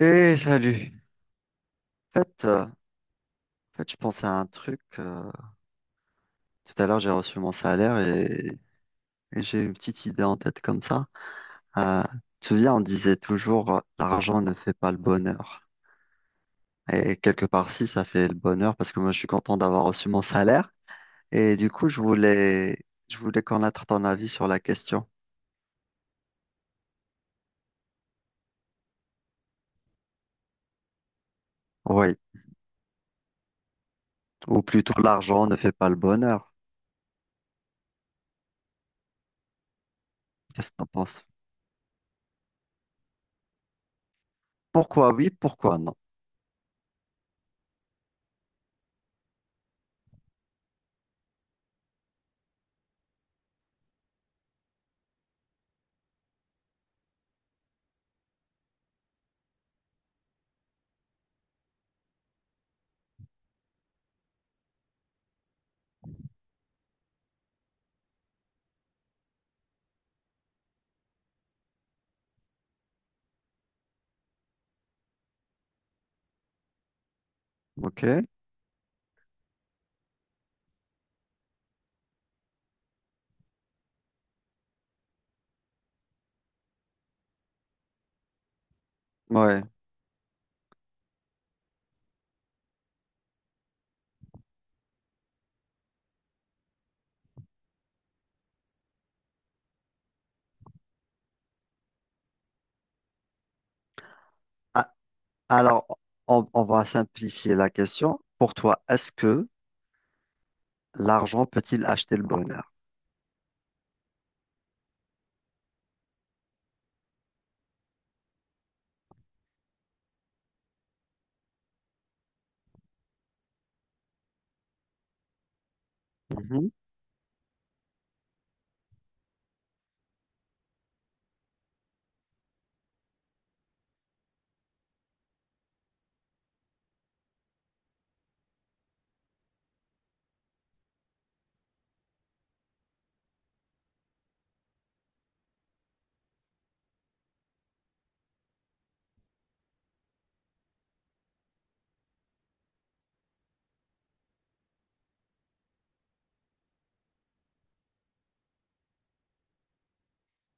Eh, salut. En fait, je pensais à un truc. Tout à l'heure, j'ai reçu mon salaire et j'ai une petite idée en tête comme ça. Euh, Tu te souviens, on disait toujours, l'argent ne fait pas le bonheur. Et quelque part, si, ça fait le bonheur parce que moi, je suis content d'avoir reçu mon salaire. Et du coup, je voulais connaître ton avis sur la question. Oui. Ou plutôt, l'argent ne fait pas le bonheur. Qu'est-ce que t'en penses? Pourquoi oui, pourquoi non? Ok. Ouais. Ah, alors, on va simplifier la question. Pour toi, est-ce que l'argent peut-il acheter le bonheur? Mhm.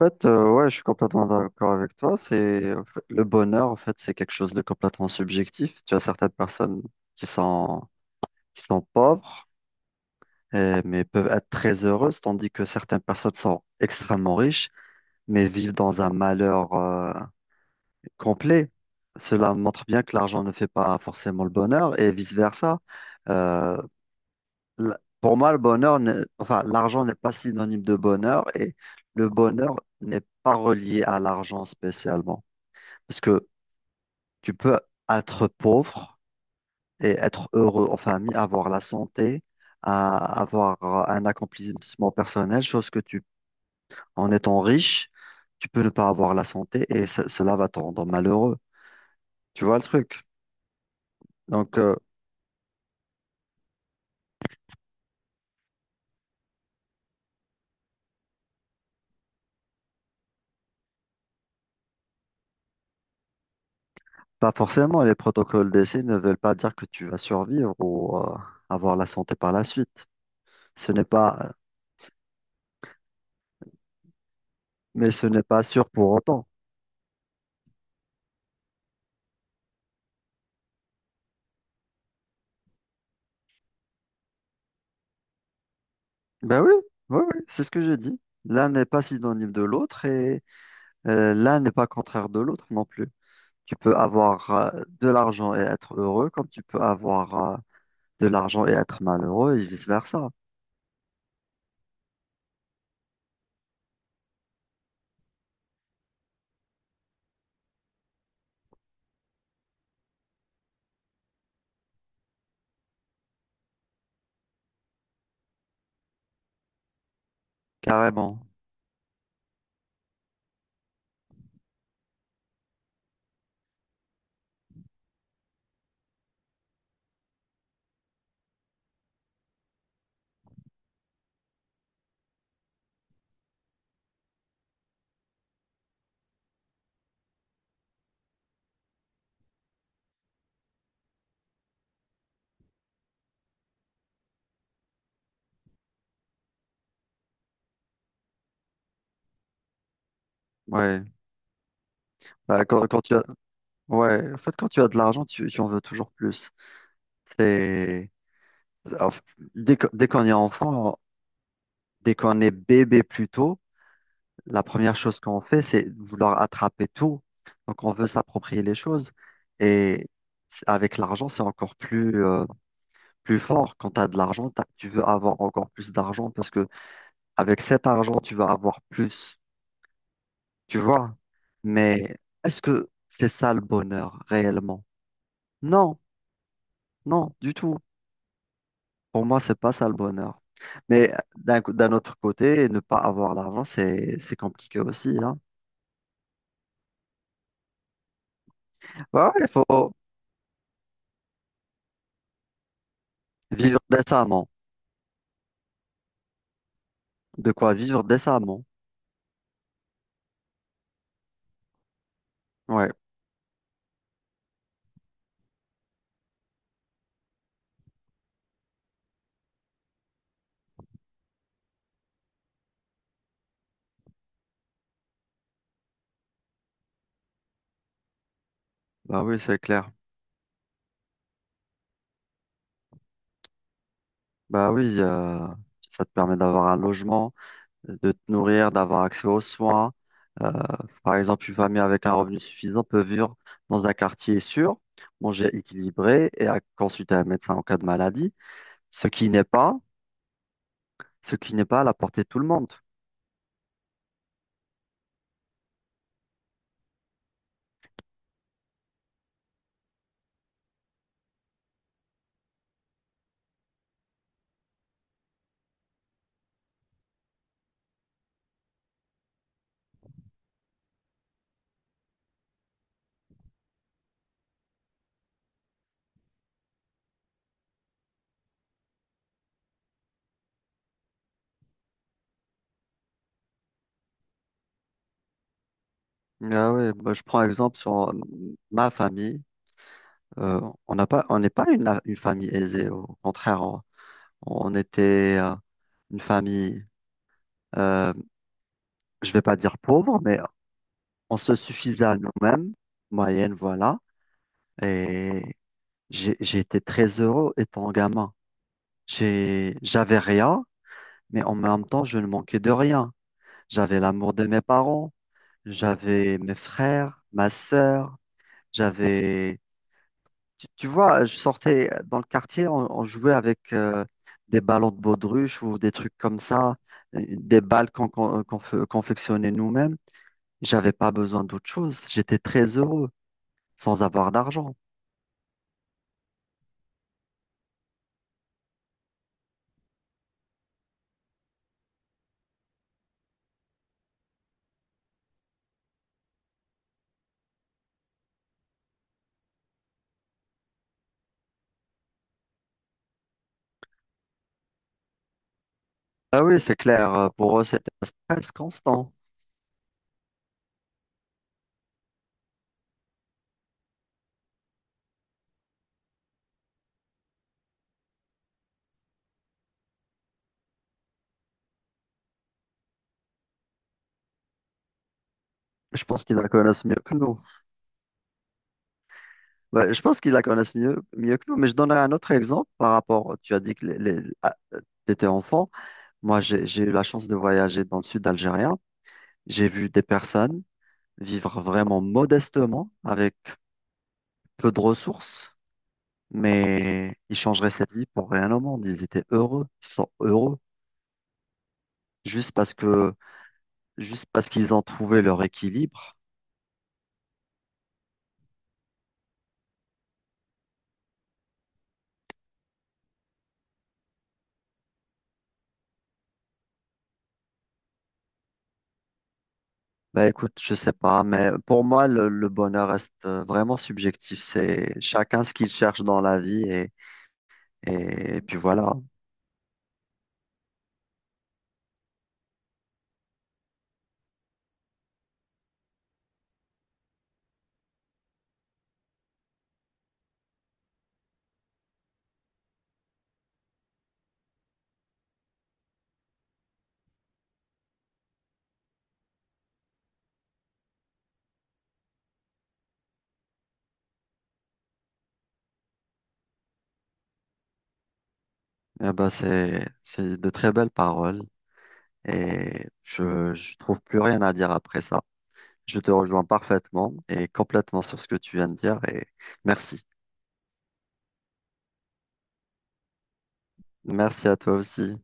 En fait, ouais, je suis complètement d'accord avec toi. C'est en fait, le bonheur, en fait, c'est quelque chose de complètement subjectif. Tu as certaines personnes qui sont qui sont pauvres, mais peuvent être très heureuses, tandis que certaines personnes sont extrêmement riches, mais vivent dans un malheur complet. Cela montre bien que l'argent ne fait pas forcément le bonheur et vice-versa. Euh, pour moi, le bonheur, n'est- enfin, l'argent n'est pas synonyme de bonheur et le bonheur n'est pas relié à l'argent spécialement. Parce que tu peux être pauvre et être heureux en famille, avoir la santé à avoir un accomplissement personnel, chose que tu... En étant riche, tu peux ne pas avoir la santé et cela va te rendre malheureux. Tu vois le truc? Donc, pas forcément, les protocoles d'essai ne veulent pas dire que tu vas survivre ou avoir la santé par la suite. Ce n'est pas, Mais ce n'est pas sûr pour autant. Ben oui, oui, oui, c'est ce que j'ai dit. L'un n'est pas synonyme de l'autre et l'un n'est pas contraire de l'autre non plus. Tu peux avoir de l'argent et être heureux, comme tu peux avoir de l'argent et être malheureux et vice-versa. Carrément. Ouais. Bah, quand tu as... Ouais, en fait, quand tu as de l'argent, tu en veux toujours plus. C'est... en fait, dès qu'on est enfant, dès qu'on est bébé plutôt, la première chose qu'on fait, c'est vouloir attraper tout. Donc, on veut s'approprier les choses. Et avec l'argent, c'est encore plus, plus fort. Quand tu as de l'argent, tu veux avoir encore plus d'argent parce que avec cet argent, tu vas avoir plus. Tu vois? Mais est-ce que c'est ça le bonheur réellement? Non, non, du tout. Pour moi, c'est pas ça le bonheur. Mais d'un autre côté, ne pas avoir l'argent, c'est compliqué aussi, hein. Ouais, il faut vivre décemment. De quoi vivre décemment. Ouais, bah oui, c'est clair. Bah oui, ça te permet d'avoir un logement, de te nourrir, d'avoir accès aux soins. Euh, Par exemple, une famille avec un revenu suffisant peut vivre dans un quartier sûr, manger équilibré consulter un médecin en cas de maladie, ce qui n'est pas, ce qui n'est pas à la portée de tout le monde. Ah ouais, bah, je prends exemple sur ma famille. Euh, on n'est pas une, une famille aisée. Au contraire, on était une famille, euh, je vais pas dire pauvre, mais on se suffisait à nous-mêmes, moyenne, voilà. Et j'ai été très heureux étant gamin. J'avais rien, mais en même temps, je ne manquais de rien. J'avais l'amour de mes parents, j'avais mes frères, ma sœur, j'avais... Tu vois, je sortais dans le quartier, on jouait avec des ballons de baudruche ou des trucs comme ça, des balles confectionnait nous-mêmes. J'avais pas besoin d'autre chose. J'étais très heureux sans avoir d'argent. Ah oui, c'est clair. Pour eux, c'était un stress constant. Je pense qu'ils la connaissent mieux que nous. Ouais, je pense qu'ils la connaissent mieux, mieux que nous. Mais je donnerai un autre exemple par rapport. Tu as dit que tu étais enfant. Moi, j'ai eu la chance de voyager dans le sud algérien. J'ai vu des personnes vivre vraiment modestement, avec peu de ressources, mais ils changeraient cette vie pour rien au monde. Ils étaient heureux, ils sont heureux, juste parce que, juste parce qu'ils ont trouvé leur équilibre. Bah écoute, je sais pas, mais pour moi, le bonheur reste vraiment subjectif. C'est chacun ce qu'il cherche dans la vie et puis voilà. Eh ben c'est de très belles paroles et je trouve plus rien à dire après ça. Je te rejoins parfaitement et complètement sur ce que tu viens de dire et merci. Merci à toi aussi.